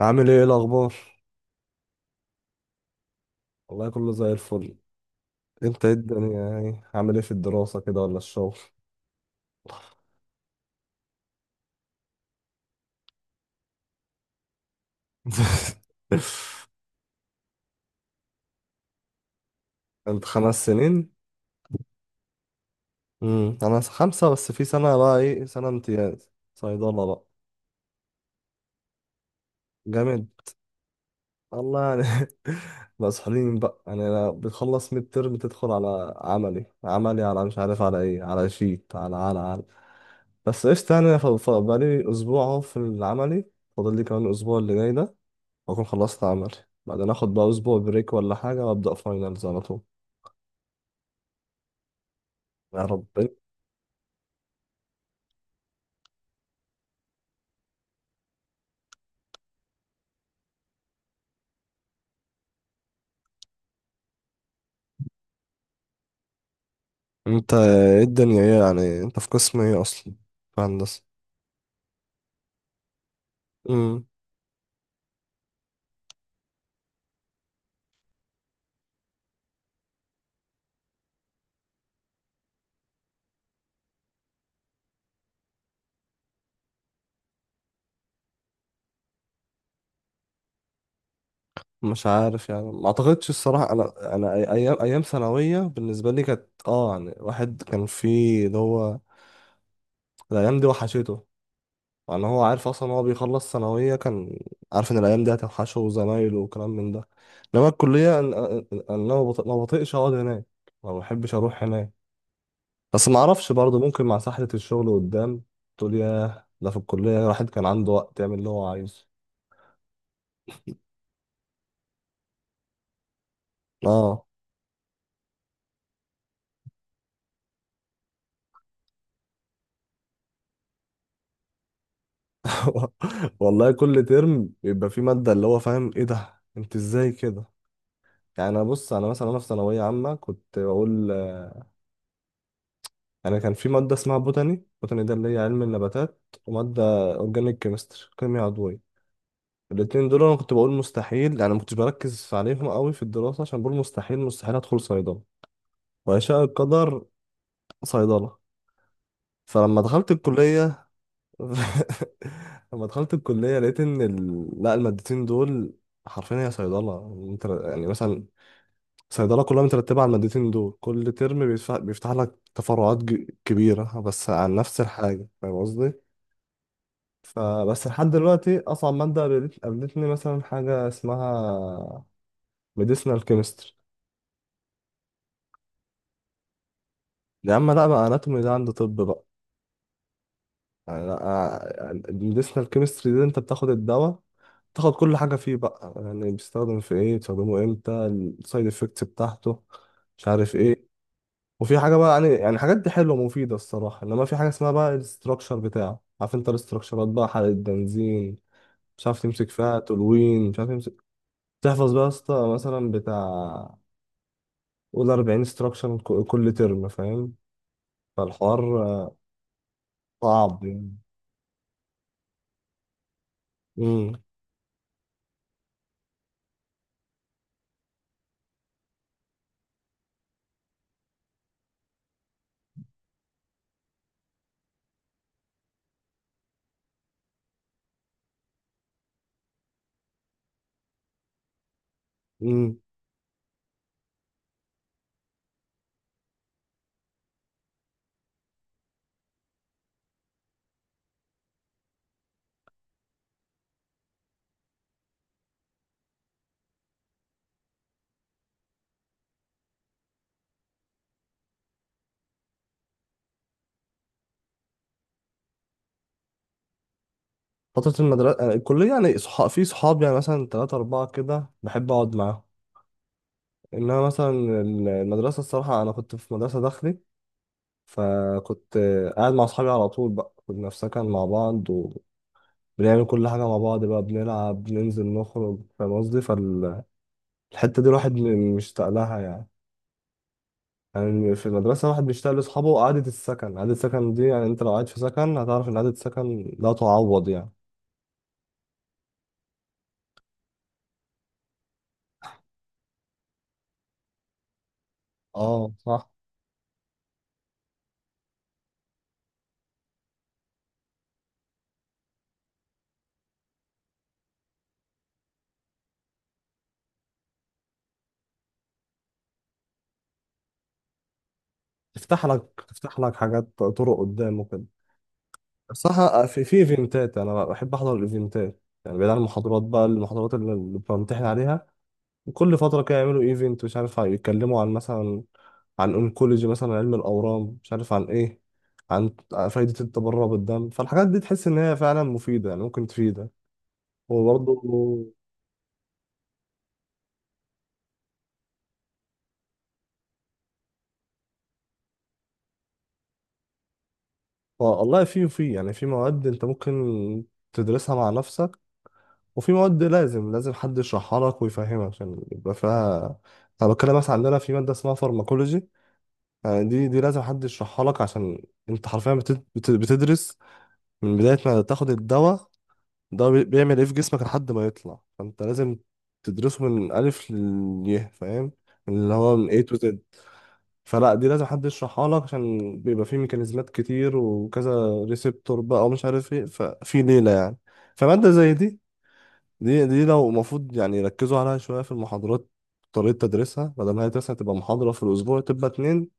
عامل ايه الاخبار؟ والله كله زي الفل. انت ايه الدنيا، يعني عامل ايه في الدراسة كده ولا الشغل؟ انت 5 سنين؟ امم، انا 5، بس في سنة بقى ايه، سنة امتياز صيدلة بقى. جامد. الله يعني. مسحولين بقى، يعني أنا بتخلص ميد ترم تدخل على عملي، عملي، على مش عارف على ايه، على شيت، على بس قشطة يعني. بقالي اسبوع اهو في العملي، فاضل لي كمان الاسبوع اللي جاي ده واكون خلصت عمل، بعدين اخد بقى اسبوع بريك ولا حاجه وابدا فاينلز على طول، يا رب. انت ايه الدنيا ايه، يعني انت في قسم ايه اصلا، في هندسه؟ امم. مش عارف يعني، ما اعتقدش الصراحه، انا ايام ثانويه بالنسبه لي كانت اه، يعني واحد كان فيه اللي هو الايام دي وحشته، يعني هو عارف اصلا هو بيخلص ثانويه، كان عارف ان الايام دي هتوحشه وزمايله وكلام من ده. انما الكليه أنا ما بطيقش اقعد هناك، ما بحبش اروح هناك، بس ما اعرفش برضه ممكن مع سحلة الشغل قدام تقول ياه ده في الكلية الواحد كان عنده وقت يعمل اللي هو عايزه. اه. والله كل ترم يبقى في مادة اللي هو فاهم ايه ده انت ازاي كده، يعني انا بص، انا مثلا في ثانوية عامة كنت بقول آه، انا كان في مادة اسمها بوتاني، بوتاني ده اللي هي علم النباتات، ومادة اورجانيك كيمستري كيمياء عضوية. الاتنين دول انا كنت بقول مستحيل يعني، ما كنتش بركز عليهم قوي في الدراسة عشان بقول مستحيل، مستحيل ادخل صيدلة. ويشاء القدر صيدلة. فلما دخلت الكلية لما دخلت الكلية لقيت إن لا، المادتين دول حرفيا هي صيدلة، انت يعني مثلا صيدلة كلها مترتبة على المادتين دول. كل ترم بيفتح لك تفرعات كبيرة بس عن نفس الحاجة، فاهم قصدي؟ فبس لحد دلوقتي أصعب مادة قابلتني مثلا حاجة اسمها medicinal chemistry. يا عم لا بقى، anatomy ده عند طب بقى. الميديسنال كيمستري دي انت بتاخد الدواء، تاخد كل حاجة فيه بقى، يعني بيستخدم في ايه، بتستخدمه امتى، السايد افكتس بتاعته، مش عارف ايه. وفي حاجة بقى يعني حاجات دي حلوة مفيدة الصراحة، انما في حاجة اسمها بقى الاستراكشر بتاعه، عارف انت الاستراكشرات بقى، حرق البنزين، مش عارف تمسك فيها تولوين، مش عارف تمسك، تحفظ بقى يا اسطى مثلا بتاع، قول 40 استراكشر كل ترم فاهم. فالحوار صعب يعني. امم. إمم. فترة المدرسة آه، الكلية يعني صحاب في صحاب يعني مثلا تلاتة أربعة كده بحب أقعد معاهم. إنما مثلا المدرسة، الصراحة أنا كنت في مدرسة داخلي، فكنت قاعد مع أصحابي على طول بقى، كنا في سكن مع بعض وبنعمل كل حاجة مع بعض بقى، بنلعب بننزل نخرج، فاهم قصدي؟ فالحتة دي الواحد مشتاق لها يعني. يعني في المدرسة الواحد بيشتاق لأصحابه، وقعدة السكن، قعدة السكن دي يعني، أنت لو قاعد في سكن هتعرف إن قعدة السكن لا تعوض يعني. اه صح. تفتح لك حاجات طرق قدام وكده. صح، في ايفنتات، انا بحب احضر الايفنتات يعني بعيد عن المحاضرات بقى، المحاضرات اللي بمتحن عليها، كل فتره كده يعملوا ايفنت، مش عارف يتكلموا عن مثلا عن اونكولوجي مثلا علم الاورام، مش عارف عن ايه، عن فايده التبرع بالدم، فالحاجات دي تحس ان هي فعلا مفيده يعني، ممكن تفيدك وبرضه. والله في يعني في مواد انت ممكن تدرسها مع نفسك، وفي مواد لازم حد يشرحها لك ويفهمك عشان يبقى فيها. انا بتكلم مثلا عندنا في ماده اسمها فارماكولوجي، يعني دي لازم حد يشرحها لك عشان انت حرفيا بتدرس من بداية ما تاخد الدواء ده بيعمل ايه في جسمك لحد ما يطلع، فانت لازم تدرسه من ألف لليه فاهم، اللي هو من A to Z. فلا دي لازم حد يشرحها لك عشان بيبقى فيه ميكانيزمات كتير وكذا ريسبتور بقى، ومش عارف ايه، ففي ليلة يعني. فمادة زي دي، دي لو المفروض يعني يركزوا عليها شوية في المحاضرات، طريقة تدريسها، بدل ما هي مثلا تبقى محاضرة في الأسبوع تبقى اتنين.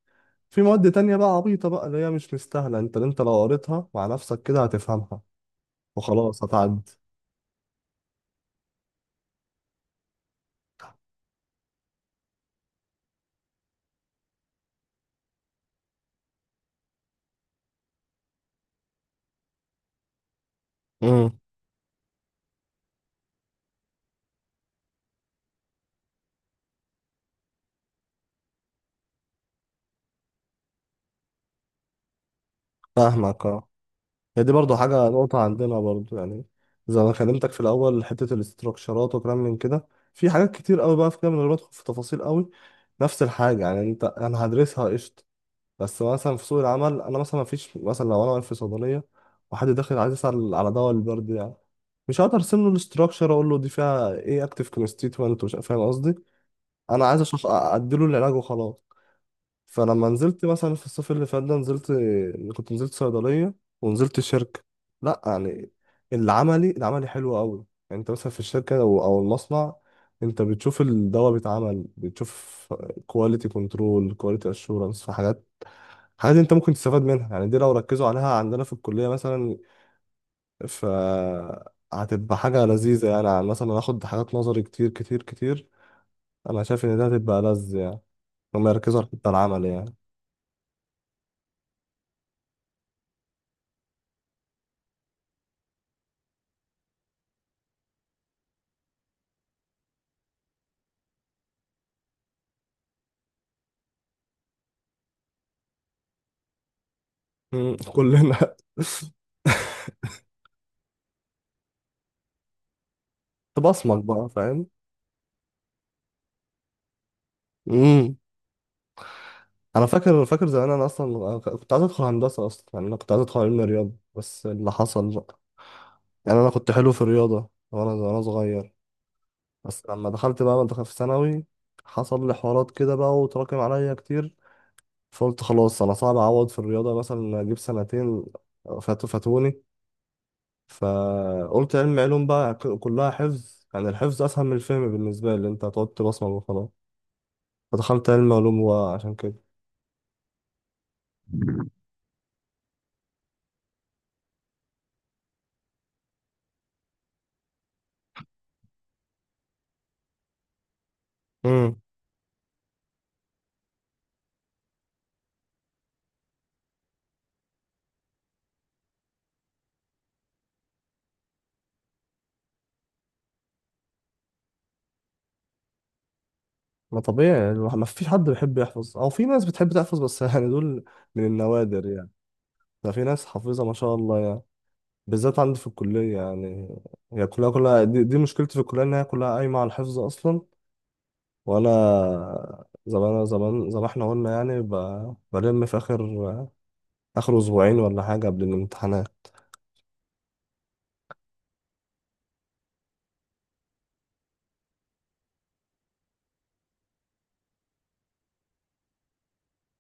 في مواد تانية بقى عبيطة بقى، اللي هي مش مستاهلة، انت لو قريتها مع نفسك كده هتفهمها وخلاص هتعدي. امم. فاهمك اه، هي دي برضو حاجة نقطة عندنا برضو يعني. زي ما كلمتك في الأول حتة الاستراكشرات وكلام من كده، في حاجات كتير قوي بقى في كده، من غير ما أدخل في تفاصيل قوي، نفس الحاجة يعني، انا هدرسها قشطة بس مثلا في سوق العمل، انا مثلا مفيش مثلا لو انا واقف في صيدلية وحد داخل عايز يسأل على دواء البرد يعني، مش هقدر ارسم له الاستراكشر اقول له دي فيها ايه اكتف كونستيتوينت ومش فاهم قصدي. انا عايز اشخ اديله العلاج وخلاص. فلما نزلت مثلا في الصيف اللي فات ده نزلت، كنت نزلت صيدليه ونزلت شركه، لا يعني العملي حلو قوي يعني. انت مثلا في الشركه او المصنع، انت بتشوف الدواء بيتعمل، بتشوف كواليتي كنترول كواليتي اشورنس، في حاجات، حاجات انت ممكن تستفاد منها يعني، دي لو ركزوا عليها عندنا في الكليه مثلا، ف هتبقى حاجه لذيذه يعني، عن مثلا هاخد حاجات نظري كتير كتير كتير. انا شايف ان ده هتبقى لذ يعني، هم يركزوا على الحتة العمل يعني. مم، كلنا. تبصمك بقى فاهم. امم. انا فاكر زمان انا اصلا كنت عايز ادخل هندسه اصلا، يعني انا كنت عايز ادخل علم رياضه بس اللي حصل بقى، يعني انا كنت حلو في الرياضه وانا صغير، بس لما دخلت بقى دخلت في ثانوي، حصل لي حوارات كده بقى وتراكم عليا كتير، فقلت خلاص انا صعب اعوض في الرياضه مثلا، اجيب سنتين فاتوا فاتوني. فقلت علم علوم بقى، كلها حفظ يعني، الحفظ أسهل من الفهم بالنسبة لي، أنت هتقعد تبصمج وخلاص. فدخلت علم علوم وعشان كده. امم. ما طبيعي يعني، ما فيش حد بيحب يحفظ، أو في ناس بتحب تحفظ بس يعني دول من النوادر يعني. ده في ناس حافظة ما شاء الله يعني، بالذات عندي في الكلية يعني، هي كلها دي مشكلتي في الكلية إن هي كلها قايمة على الحفظ أصلا. وأنا زمان زمان زي ما احنا قلنا يعني، بلم في آخر أسبوعين ولا حاجة قبل الامتحانات.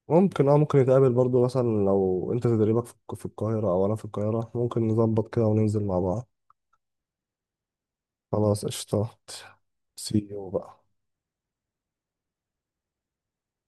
ممكن اه ممكن نتقابل برضو مثلا، لو انت تدريبك في في القاهرة او انا في القاهرة ممكن نظبط كده وننزل مع بعض. خلاص قشطات، سي يو بقى.